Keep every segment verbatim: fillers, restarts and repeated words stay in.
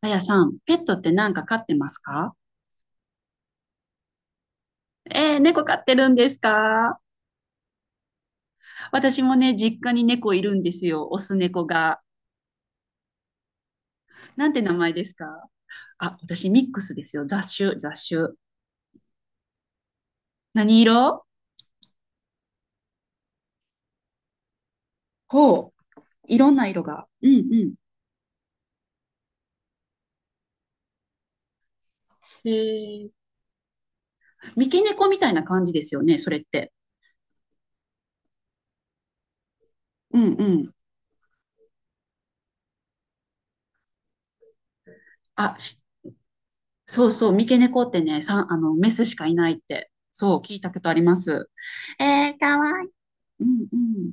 あやさん、ペットって何か飼ってますか？えー、猫飼ってるんですか？私もね、実家に猫いるんですよ。オス猫が。なんて名前ですか？あ、私ミックスですよ。雑種、雑種。何色？ほう、いろんな色が。うんうん。えー、三毛猫みたいな感じですよね、それって。うんうん。あ、しそうそう、三毛猫ってね、さん、あの、メスしかいないって、そう、聞いたことあります。えー、かわいい。うんうん。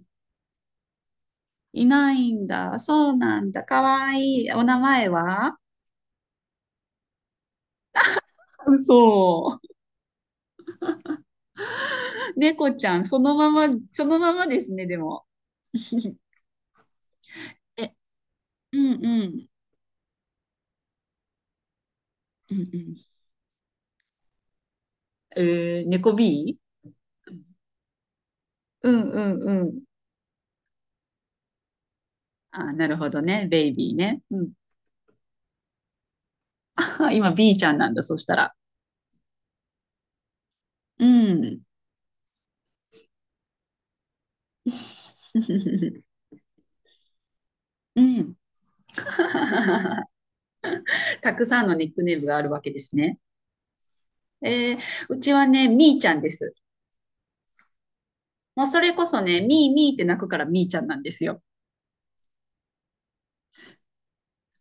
いないんだ。そうなんだ。かわいい。お名前は？嘘。猫ちゃん、そのまま、そのままですね、でも。え、うんうん。うんうん。えー、猫 B？ うんうんうん。あ、なるほどね。ベイビーね。うん。今 B ちゃんなんだ、そしたら。うん。うん。たくさんのニックネームがあるわけですね。えー、うちはね、みーちゃんです。もうそれこそね、みーみーって泣くからみーちゃんなんですよ。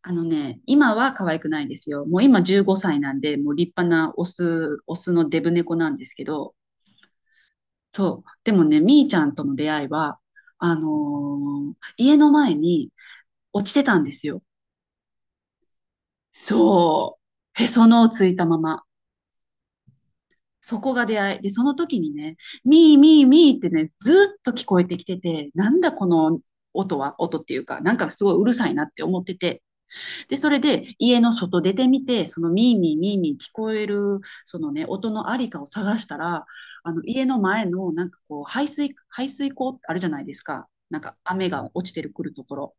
あのね、今は可愛くないですよ。もう今じゅうごさいなんで、もう立派なオス、オスのデブ猫なんですけど、そう。でもね、みーちゃんとの出会いは、あのー家の前に落ちてたんですよ。そう。へそのをついたまま。そこが出会い。で、その時にね、みーみーみーってね、ずっと聞こえてきてて、なんだこの音は、音っていうか、なんかすごいうるさいなって思ってて、で、それで家の外出てみて、そのミーミーミーミー聞こえる、そのね、音のありかを探したら、あの家の前のなんかこう、排水、排水溝あるじゃないですか。なんか雨が落ちてくるところ。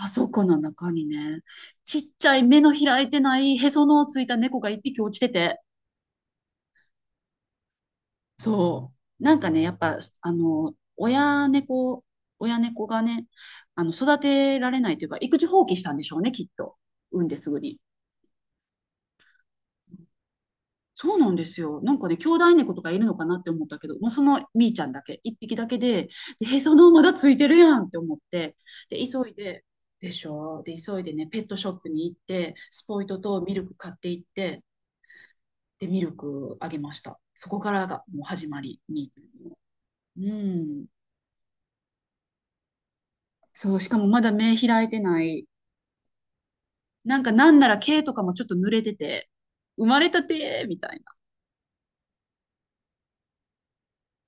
あそこの中にね、ちっちゃい目の開いてないへその緒ついた猫が一匹落ちてて、そう。なんかね、やっぱ、あの、親猫、親猫がね、あの育てられないというか、育児放棄したんでしょうね、きっと。産んですぐに。そうなんですよ。なんかね、兄弟猫とかいるのかなって思ったけど、もうそのみーちゃんだけ、一匹だけで、で、へその緒まだついてるやんって思って、で、急いで、でしょで、急いでね、ペットショップに行って、スポイトとミルク買って行って、で、ミルクあげました。そこからがもう始まり、ミート。うん。そう、しかもまだ目開いてない。なんかなんなら毛とかもちょっと濡れてて、生まれたてみたいな。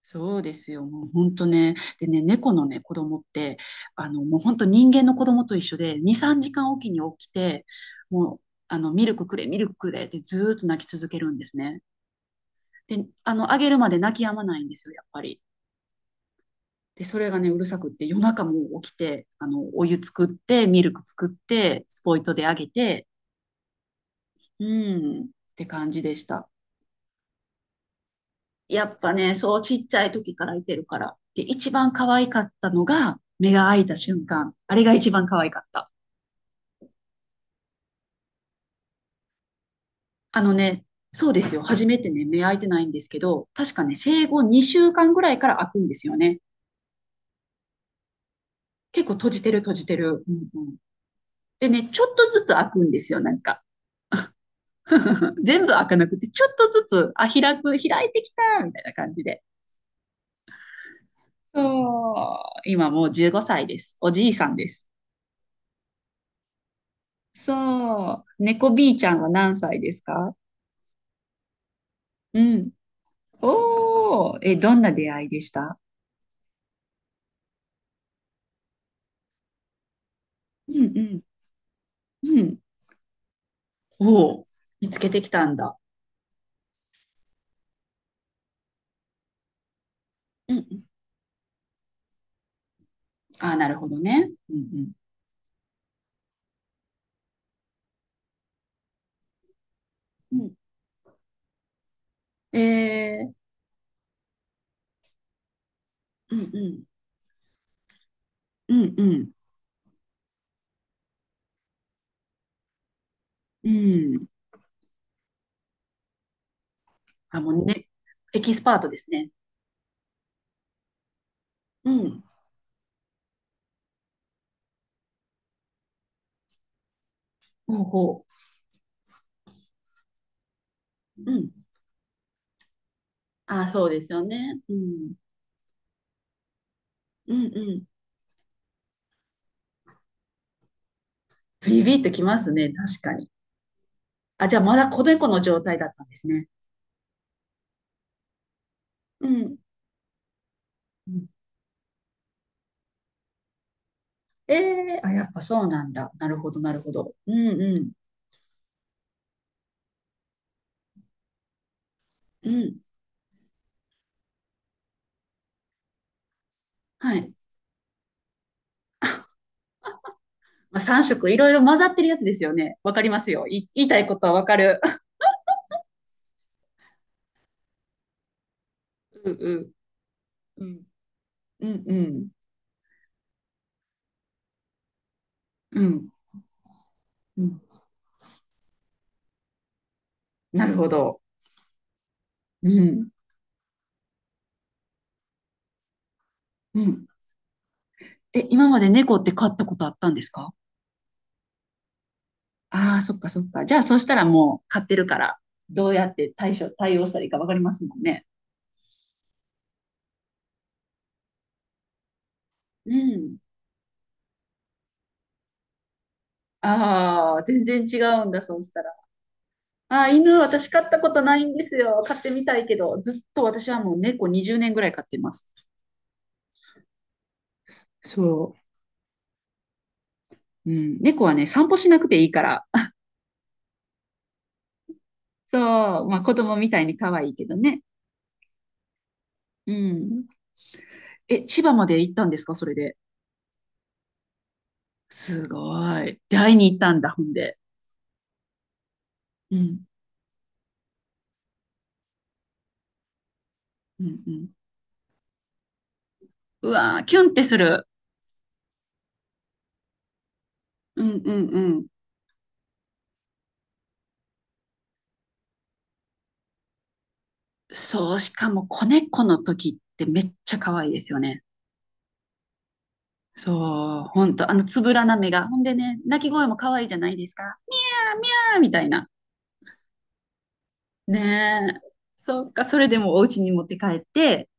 そうですよ。もう本当ね。でね、猫のね、子供って、あの、もう本当人間の子供と一緒で、に、さんじかんおきに起きて、もう、あの、ミルクくれ、ミルクくれってずーっと泣き続けるんですね。で、あの、あげるまで泣き止まないんですよ、やっぱり。で、それがね、うるさくって、夜中も起きて、あの、お湯作って、ミルク作って、スポイトであげて、うん、って感じでした。やっぱね、そうちっちゃい時からいてるから。で、一番可愛かったのが、目が開いた瞬間。あれが一番可愛かった。あのね、そうですよ。初めてね、目開いてないんですけど、確かね、生後にしゅうかんぐらいから開くんですよね。結構閉じてる閉じてる。うんうん、でね、ちょっとずつ開くんですよ、なんか。全部開かなくて、ちょっとずつ、あ、開く、開いてきた、みたいな感じで。そう。今もうじゅうごさいです。おじいさんです。そう。猫 B ちゃんは何歳ですか？うん。おー、え、どんな出会いでした？うんうん。うん。おお、見つけてきたんだ。うんうん。ああ、なるほどね。うんうん。うん。えー、うんうん。うんうん。うん。あ、もうね、エキスパートですね。うん。ほうほう。うん。ああ、そうですよね。うん。うんうん。ビビッときますね、確かに。あ、じゃあまだ子猫の状態だったんですね。うん。うんえー、あ、やっぱそうなんだ。なるほど、なるほど。うんうん。うん。はい。まあ、さんしょく色いろいろ混ざってるやつですよね。わかりますよ。い言いたいことはわかる。うんうんうん。うんうん。うん。うん。なるほど。うん。うん。え、今まで猫って飼ったことあったんですか？ああー、そっかそっか。じゃあ、そしたらもう飼ってるから、どうやって対処、対応したらいいかわかりますもんね。うん。ああ、全然違うんだ、そうしたら。ああ、犬、私飼ったことないんですよ。飼ってみたいけど、ずっと私はもう猫にじゅうねんぐらい飼ってます。そう。うん、猫はね、散歩しなくていいから。そう、まあ子供みたいに可愛いけどね。うん。え、千葉まで行ったんですか、それで？すごい。で、会いに行ったんだ、ほんで。うん、うん、うん。うわー、キュンってする。うん、うん、うん。そう、しかも子猫の時ってめっちゃ可愛いですよね。そう、ほんと、あのつぶらな目が。ほんでね、鳴き声も可愛いじゃないですか。ミャーみたいな。ねえ。そっか、それでもお家に持って帰って、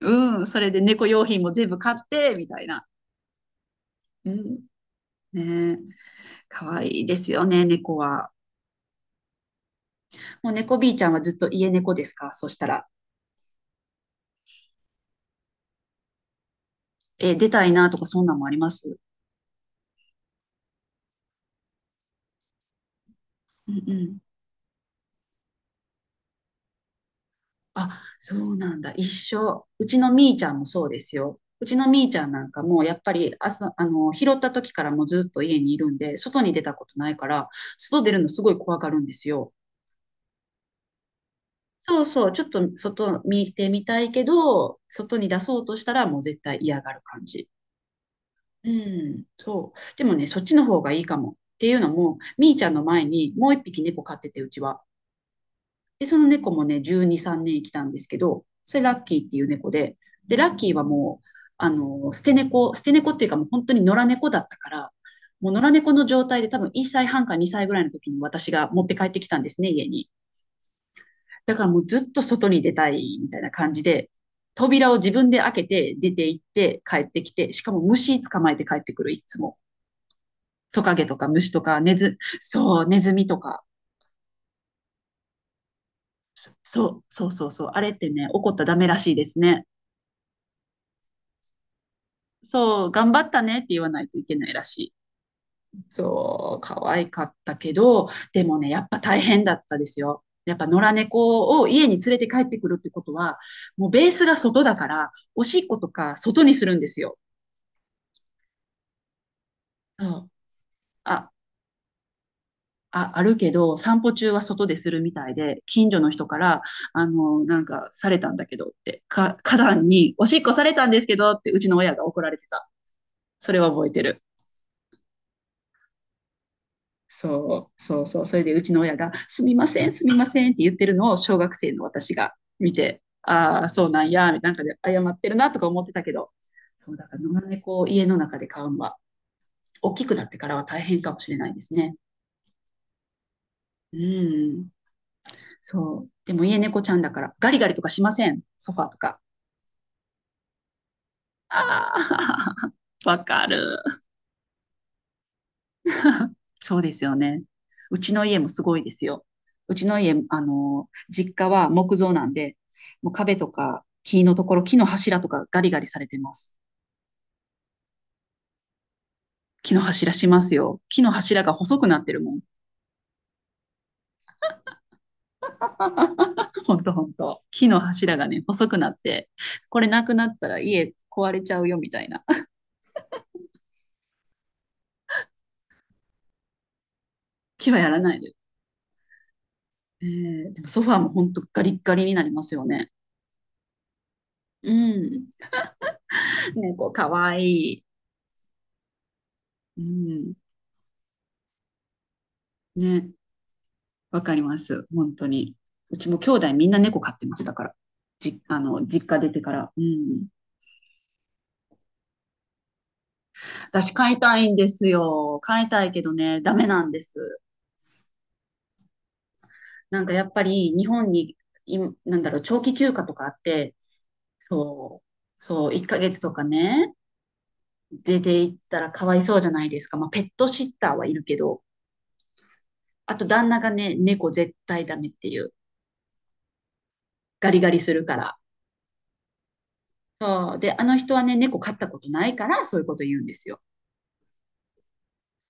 うん、それで猫用品も全部買って、みたいな。うん。ねえ、かわいいですよね、猫は。もう猫 B ちゃんはずっと家猫ですかそしたら？え、出たいなとかそんなんもあります？うんうん。あ、そうなんだ。一緒。うちのみーちゃんもそうですよ。うちのみーちゃんなんかもうやっぱり朝、あの、拾った時からもうずっと家にいるんで、外に出たことないから、外出るのすごい怖がるんですよ。そうそう、ちょっと外見てみたいけど、外に出そうとしたらもう絶対嫌がる感じ。うん、そう。でもね、そっちの方がいいかも。っていうのも、みーちゃんの前にもう一匹猫飼ってて、うちは。で、その猫もね、じゅうに、さんねん生きたんですけど、それラッキーっていう猫で、で、ラッキーはもう、あの、捨て猫、捨て猫っていうかもう本当に野良猫だったから、もう野良猫の状態で多分いっさいはんかにさいぐらいの時に私が持って帰ってきたんですね、家に。だからもうずっと外に出たいみたいな感じで、扉を自分で開けて出て行って帰ってきて、しかも虫捕まえて帰ってくる、いつも。トカゲとか虫とかネズ、そう、ネズミとか。そう、そうそうそう。あれってね、怒ったらダメらしいですね。そう、頑張ったねって言わないといけないらしい。そう、可愛かったけど、でもね、やっぱ大変だったですよ。やっぱ野良猫を家に連れて帰ってくるってことは、もうベースが外だから、おしっことか外にするんですよ。そうあ、あ、あるけど、散歩中は外でするみたいで、近所の人から、あの、なんか、されたんだけどって、か、花壇に、おしっこされたんですけどって、うちの親が怒られてた。それは覚えてる。そう、そうそう。それで、うちの親が、すみません、すみませんって言ってるのを、小学生の私が見て、ああ、そうなんや、なんかで、謝ってるなとか思ってたけど、そう、だから、野良猫を家の中で飼うのは、大きくなってからは大変かもしれないですね。うん。そう。でも家猫ちゃんだから、ガリガリとかしません。ソファーとか。ああ、わかる。そうですよね。うちの家もすごいですよ。うちの家、あの、実家は木造なんで、もう壁とか木のところ、木の柱とかガリガリされてます。木の柱しますよ。木の柱が細くなってるもん。ほんとほんと。木の柱がね、細くなって、これなくなったら家壊れちゃうよみたいな。木はやらないで。えーでもソファーもほんとガリッガリになりますよね。うん。ね、こう、かわいい。うん。ね、わかります。本当に。うちも兄弟みんな猫飼ってます。たから。じ、あの、実家出てから。うん。私飼いたいんですよ。飼いたいけどね、ダメなんです。なんかやっぱり日本に、い、なんだろう、長期休暇とかあって、そう、そう、いっかげつとかね、出て行ったらかわいそうじゃないですか。まあ、ペットシッターはいるけど、あと旦那がね、猫絶対ダメっていう。ガリガリするから。そう。で、あの人はね、猫飼ったことないから、そういうこと言うんですよ。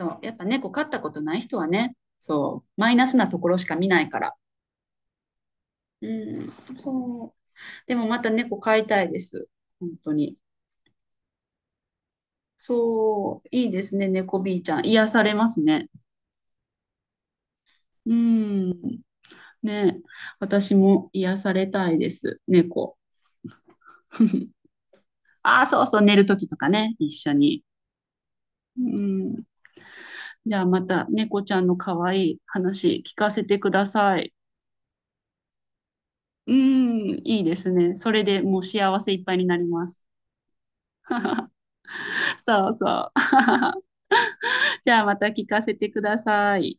そう。やっぱ猫飼ったことない人はね、そう。マイナスなところしか見ないから。うん。そう。でもまた猫飼いたいです。本当に。そう。いいですね、猫 B ちゃん。癒されますね。うん。ね。私も癒されたいです、猫。ああ、そうそう、寝るときとかね、一緒に。うん。じゃあまた猫ちゃんの可愛い話聞かせてください。うーん、いいですね。それでもう幸せいっぱいになります。そうそう。じゃあまた聞かせてください。